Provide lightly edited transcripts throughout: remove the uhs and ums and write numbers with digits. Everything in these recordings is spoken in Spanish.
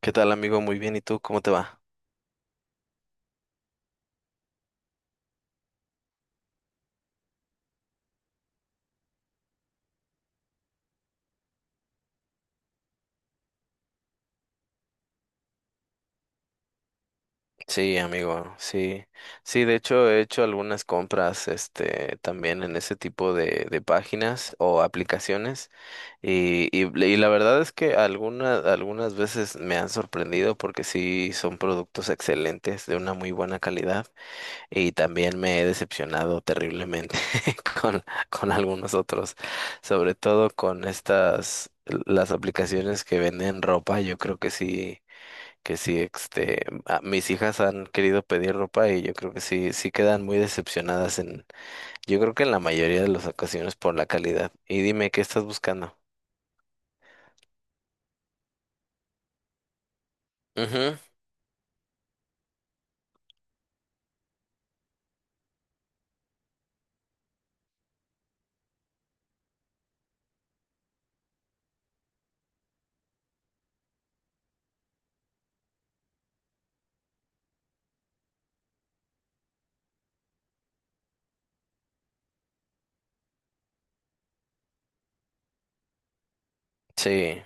¿Qué tal, amigo? Muy bien. ¿Y tú? ¿Cómo te va? Sí, amigo. Sí. Sí, de hecho he hecho algunas compras, este, también en ese tipo de páginas o aplicaciones. Y la verdad es que algunas veces me han sorprendido porque sí son productos excelentes, de una muy buena calidad. Y también me he decepcionado terriblemente con, con algunos otros, sobre todo con estas, las aplicaciones que venden ropa. Yo creo que sí. Que sí, este, mis hijas han querido pedir ropa y yo creo que sí, sí quedan muy decepcionadas yo creo que en la mayoría de las ocasiones por la calidad. Y dime, ¿qué estás buscando? Ujú. Sí,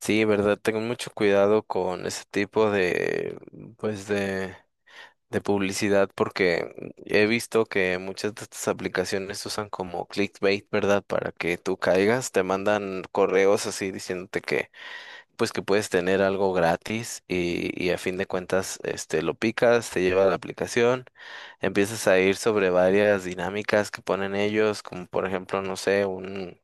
sí, verdad, tengo mucho cuidado con ese tipo pues de publicidad porque he visto que muchas de estas aplicaciones usan como clickbait, ¿verdad? Para que tú caigas, te mandan correos así diciéndote que pues que puedes tener algo gratis y a fin de cuentas, este, lo picas, te lleva a la aplicación, empiezas a ir sobre varias dinámicas que ponen ellos, como por ejemplo, no sé, un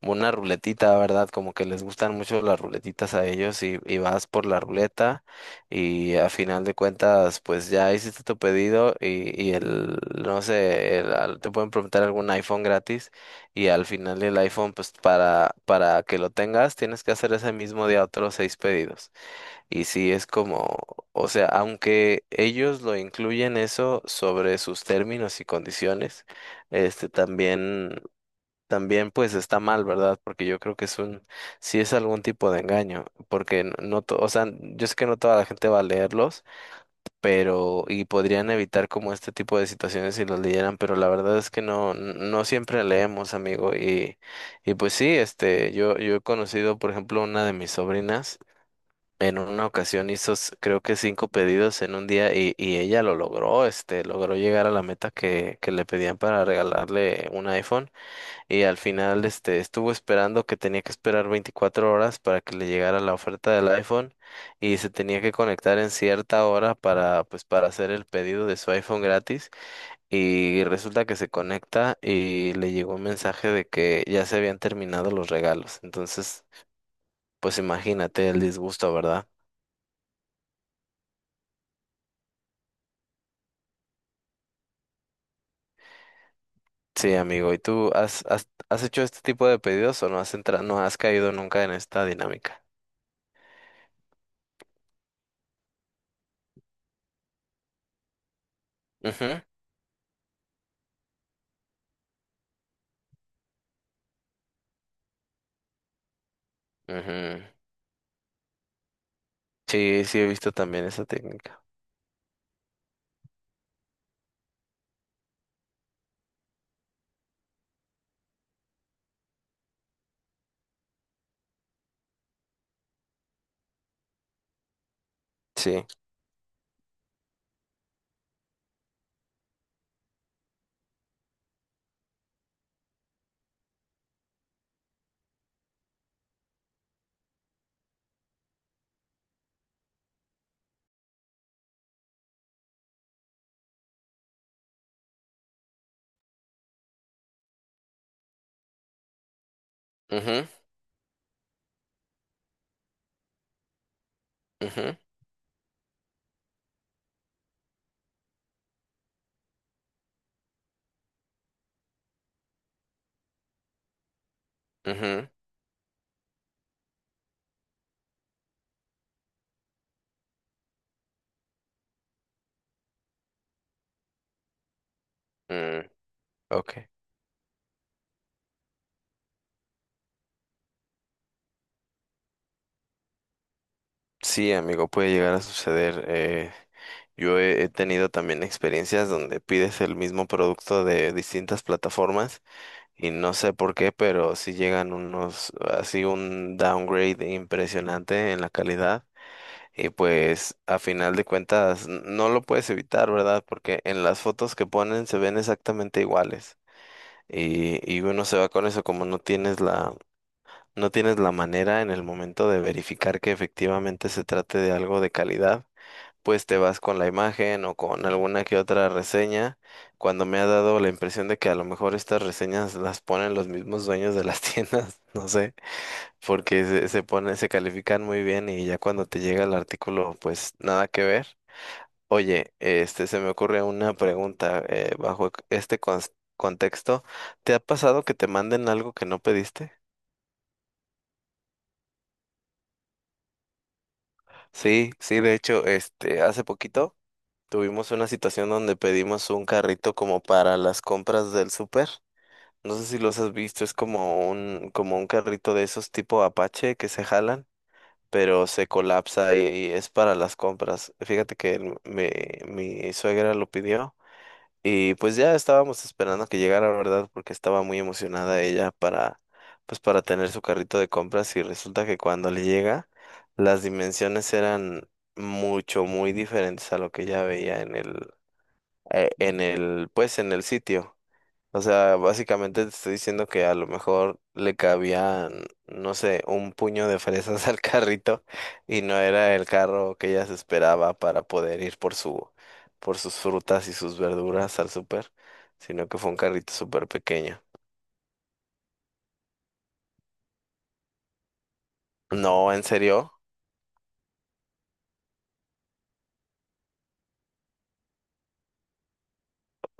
una ruletita, ¿verdad? Como que les gustan mucho las ruletitas a ellos y vas por la ruleta y a final de cuentas, pues ya hiciste tu pedido y no sé, te pueden preguntar algún iPhone gratis y al final del iPhone, pues para que lo tengas, tienes que hacer ese mismo día otros seis pedidos. Y sí, es como, o sea, aunque ellos lo incluyen eso sobre sus términos y condiciones, este también pues está mal, ¿verdad? Porque yo creo que sí es algún tipo de engaño, porque no, o sea, yo sé que no toda la gente va a leerlos, y podrían evitar como este tipo de situaciones si los leyeran, pero la verdad es que no, no siempre leemos, amigo, y pues sí, este, yo he conocido, por ejemplo, una de mis sobrinas. En una ocasión creo que cinco pedidos en un día y ella lo logró, este, logró llegar a la meta que le pedían para regalarle un iPhone. Y al final, este, estuvo esperando que tenía que esperar 24 horas para que le llegara la oferta del iPhone y se tenía que conectar en cierta hora pues, para hacer el pedido de su iPhone gratis. Y resulta que se conecta y le llegó un mensaje de que ya se habían terminado los regalos. Entonces, pues imagínate el disgusto, ¿verdad? Sí, amigo. ¿Y tú has hecho este tipo de pedidos o no has entrado, no has caído nunca en esta dinámica? Ujú, ujú. Sí, sí he visto también esa técnica. Sí. Ujú, ujú, ujú, mm, ok. Sí, amigo, puede llegar a suceder. Yo he tenido también experiencias donde pides el mismo producto de distintas plataformas y no sé por qué, pero sí llegan unos, así un downgrade impresionante en la calidad. Y pues a final de cuentas no lo puedes evitar, ¿verdad? Porque en las fotos que ponen se ven exactamente iguales. Y uno se va con eso, como no tienes la manera en el momento de verificar que efectivamente se trate de algo de calidad, pues te vas con la imagen o con alguna que otra reseña, cuando me ha dado la impresión de que a lo mejor estas reseñas las ponen los mismos dueños de las tiendas, no sé, porque se califican muy bien y ya cuando te llega el artículo, pues nada que ver. Oye, este, se me ocurre una pregunta bajo este contexto. ¿Te ha pasado que te manden algo que no pediste? Sí, sí, de hecho, este, hace poquito tuvimos una situación donde pedimos un carrito como para las compras del súper. No sé si los has visto, es como un carrito de esos tipo Apache que se jalan, pero se colapsa y es para las compras. Fíjate que mi suegra lo pidió. Y pues ya estábamos esperando que llegara, ¿verdad? Porque estaba muy emocionada ella pues para tener su carrito de compras y resulta que cuando le llega, las dimensiones eran muy diferentes a lo que ella veía en el, pues en el sitio. O sea, básicamente te estoy diciendo que a lo mejor le cabían, no sé, un puño de fresas al carrito y no era el carro que ella se esperaba para poder ir por sus frutas y sus verduras al súper, sino que fue un carrito súper pequeño. No, ¿en serio?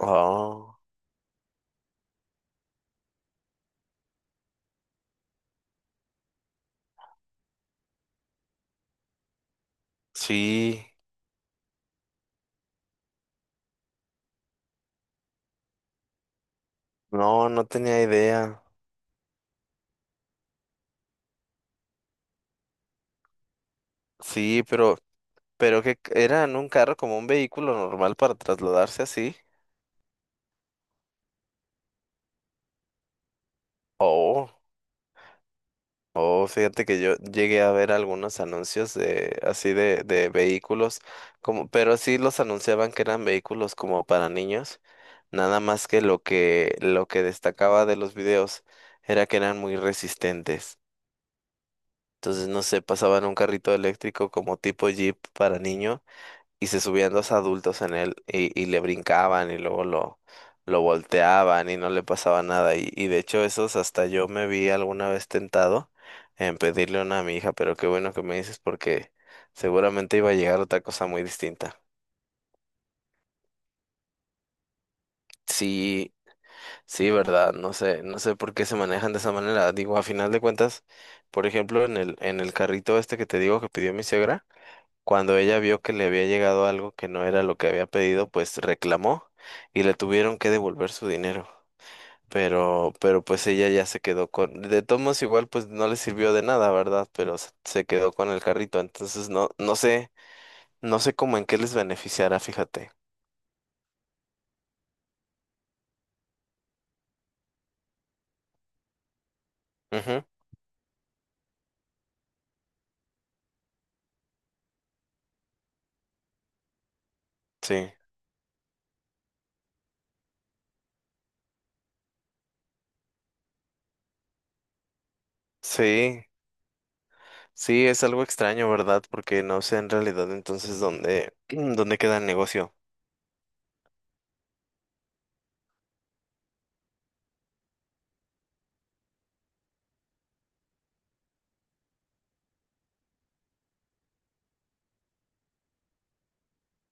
Oh, sí. No, no tenía idea. Sí, pero era en un carro como un vehículo normal para trasladarse así. Oh. Oh, fíjate que yo llegué a ver algunos anuncios de así de vehículos, pero sí los anunciaban que eran vehículos como para niños, nada más que lo que destacaba de los videos era que eran muy resistentes. Entonces, no sé, pasaban un carrito eléctrico como tipo Jeep para niños y se subían dos adultos en él y le brincaban y luego lo volteaban y no le pasaba nada. Y de hecho esos hasta yo me vi alguna vez tentado en pedirle una a mi hija, pero qué bueno que me dices porque seguramente iba a llegar otra cosa muy distinta. Sí, sí, verdad, no sé, no sé por qué se manejan de esa manera. Digo, a final de cuentas, por ejemplo, en el carrito este que te digo que pidió mi suegra. Cuando ella vio que le había llegado algo que no era lo que había pedido, pues reclamó y le tuvieron que devolver su dinero. Pero pues ella ya se quedó de todos modos igual pues no le sirvió de nada, ¿verdad? Pero se quedó con el carrito. Entonces no, no sé, no sé cómo en qué les beneficiará, fíjate. Ujú. Sí, sí, sí, es algo extraño, ¿verdad? Porque no sé en realidad entonces dónde, dónde queda el negocio.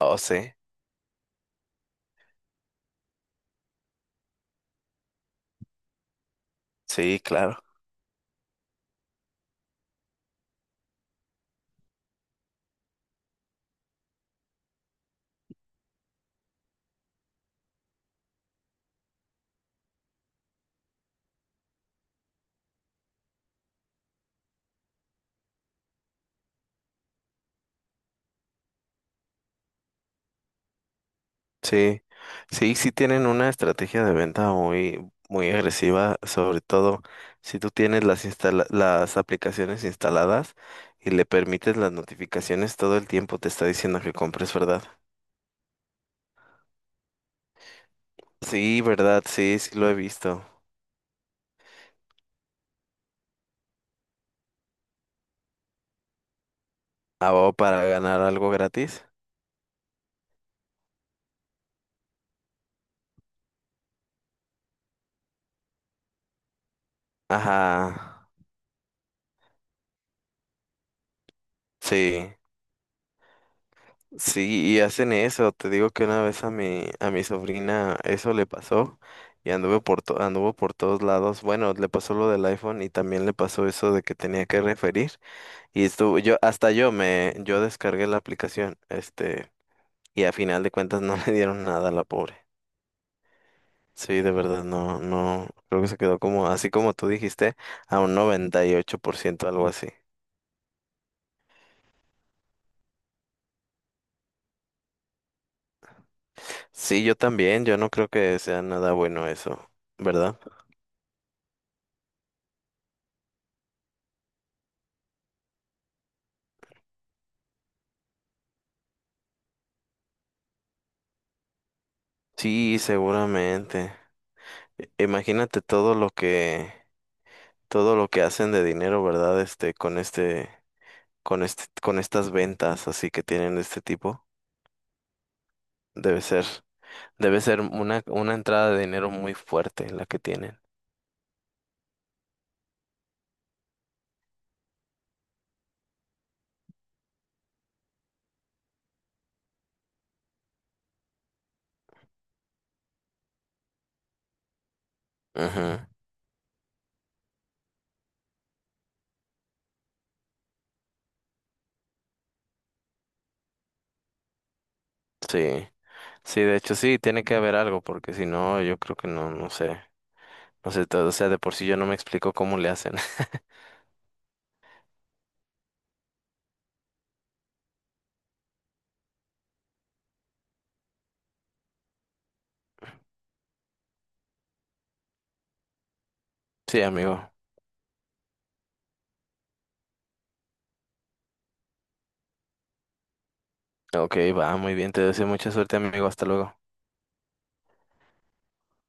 Oh, sí, sí, claro. Sí, sí, sí tienen una estrategia de venta muy, muy agresiva, sobre todo si tú tienes las aplicaciones instaladas y le permites las notificaciones, todo el tiempo te está diciendo que compres, ¿verdad? Sí, ¿verdad? Sí, sí lo he visto. Ah, o para ganar algo gratis. Ajá, sí. Sí, y hacen eso. Te digo que una vez a mi sobrina eso le pasó y anduvo por todos lados. Bueno, le pasó lo del iPhone y también le pasó eso de que tenía que referir. Y estuvo, yo, hasta yo me, yo descargué la aplicación, este, y a final de cuentas no le dieron nada a la pobre. Sí, de verdad, no, no, creo que se quedó así como tú dijiste, a un 98%, algo así. Sí, yo también, yo no creo que sea nada bueno eso, ¿verdad? Sí, seguramente. Imagínate todo lo que hacen de dinero, ¿verdad? Este, con estas ventas así que tienen de este tipo. Debe ser, debe ser una entrada de dinero muy fuerte la que tienen. Ujú. Sí, sí, de hecho sí, tiene que haber algo, porque si no, yo creo que no, no sé. No sé, todo, o sea, de por sí yo no me explico cómo le hacen. Sí, amigo. Ok, va, muy bien, te deseo mucha suerte, amigo. Hasta luego.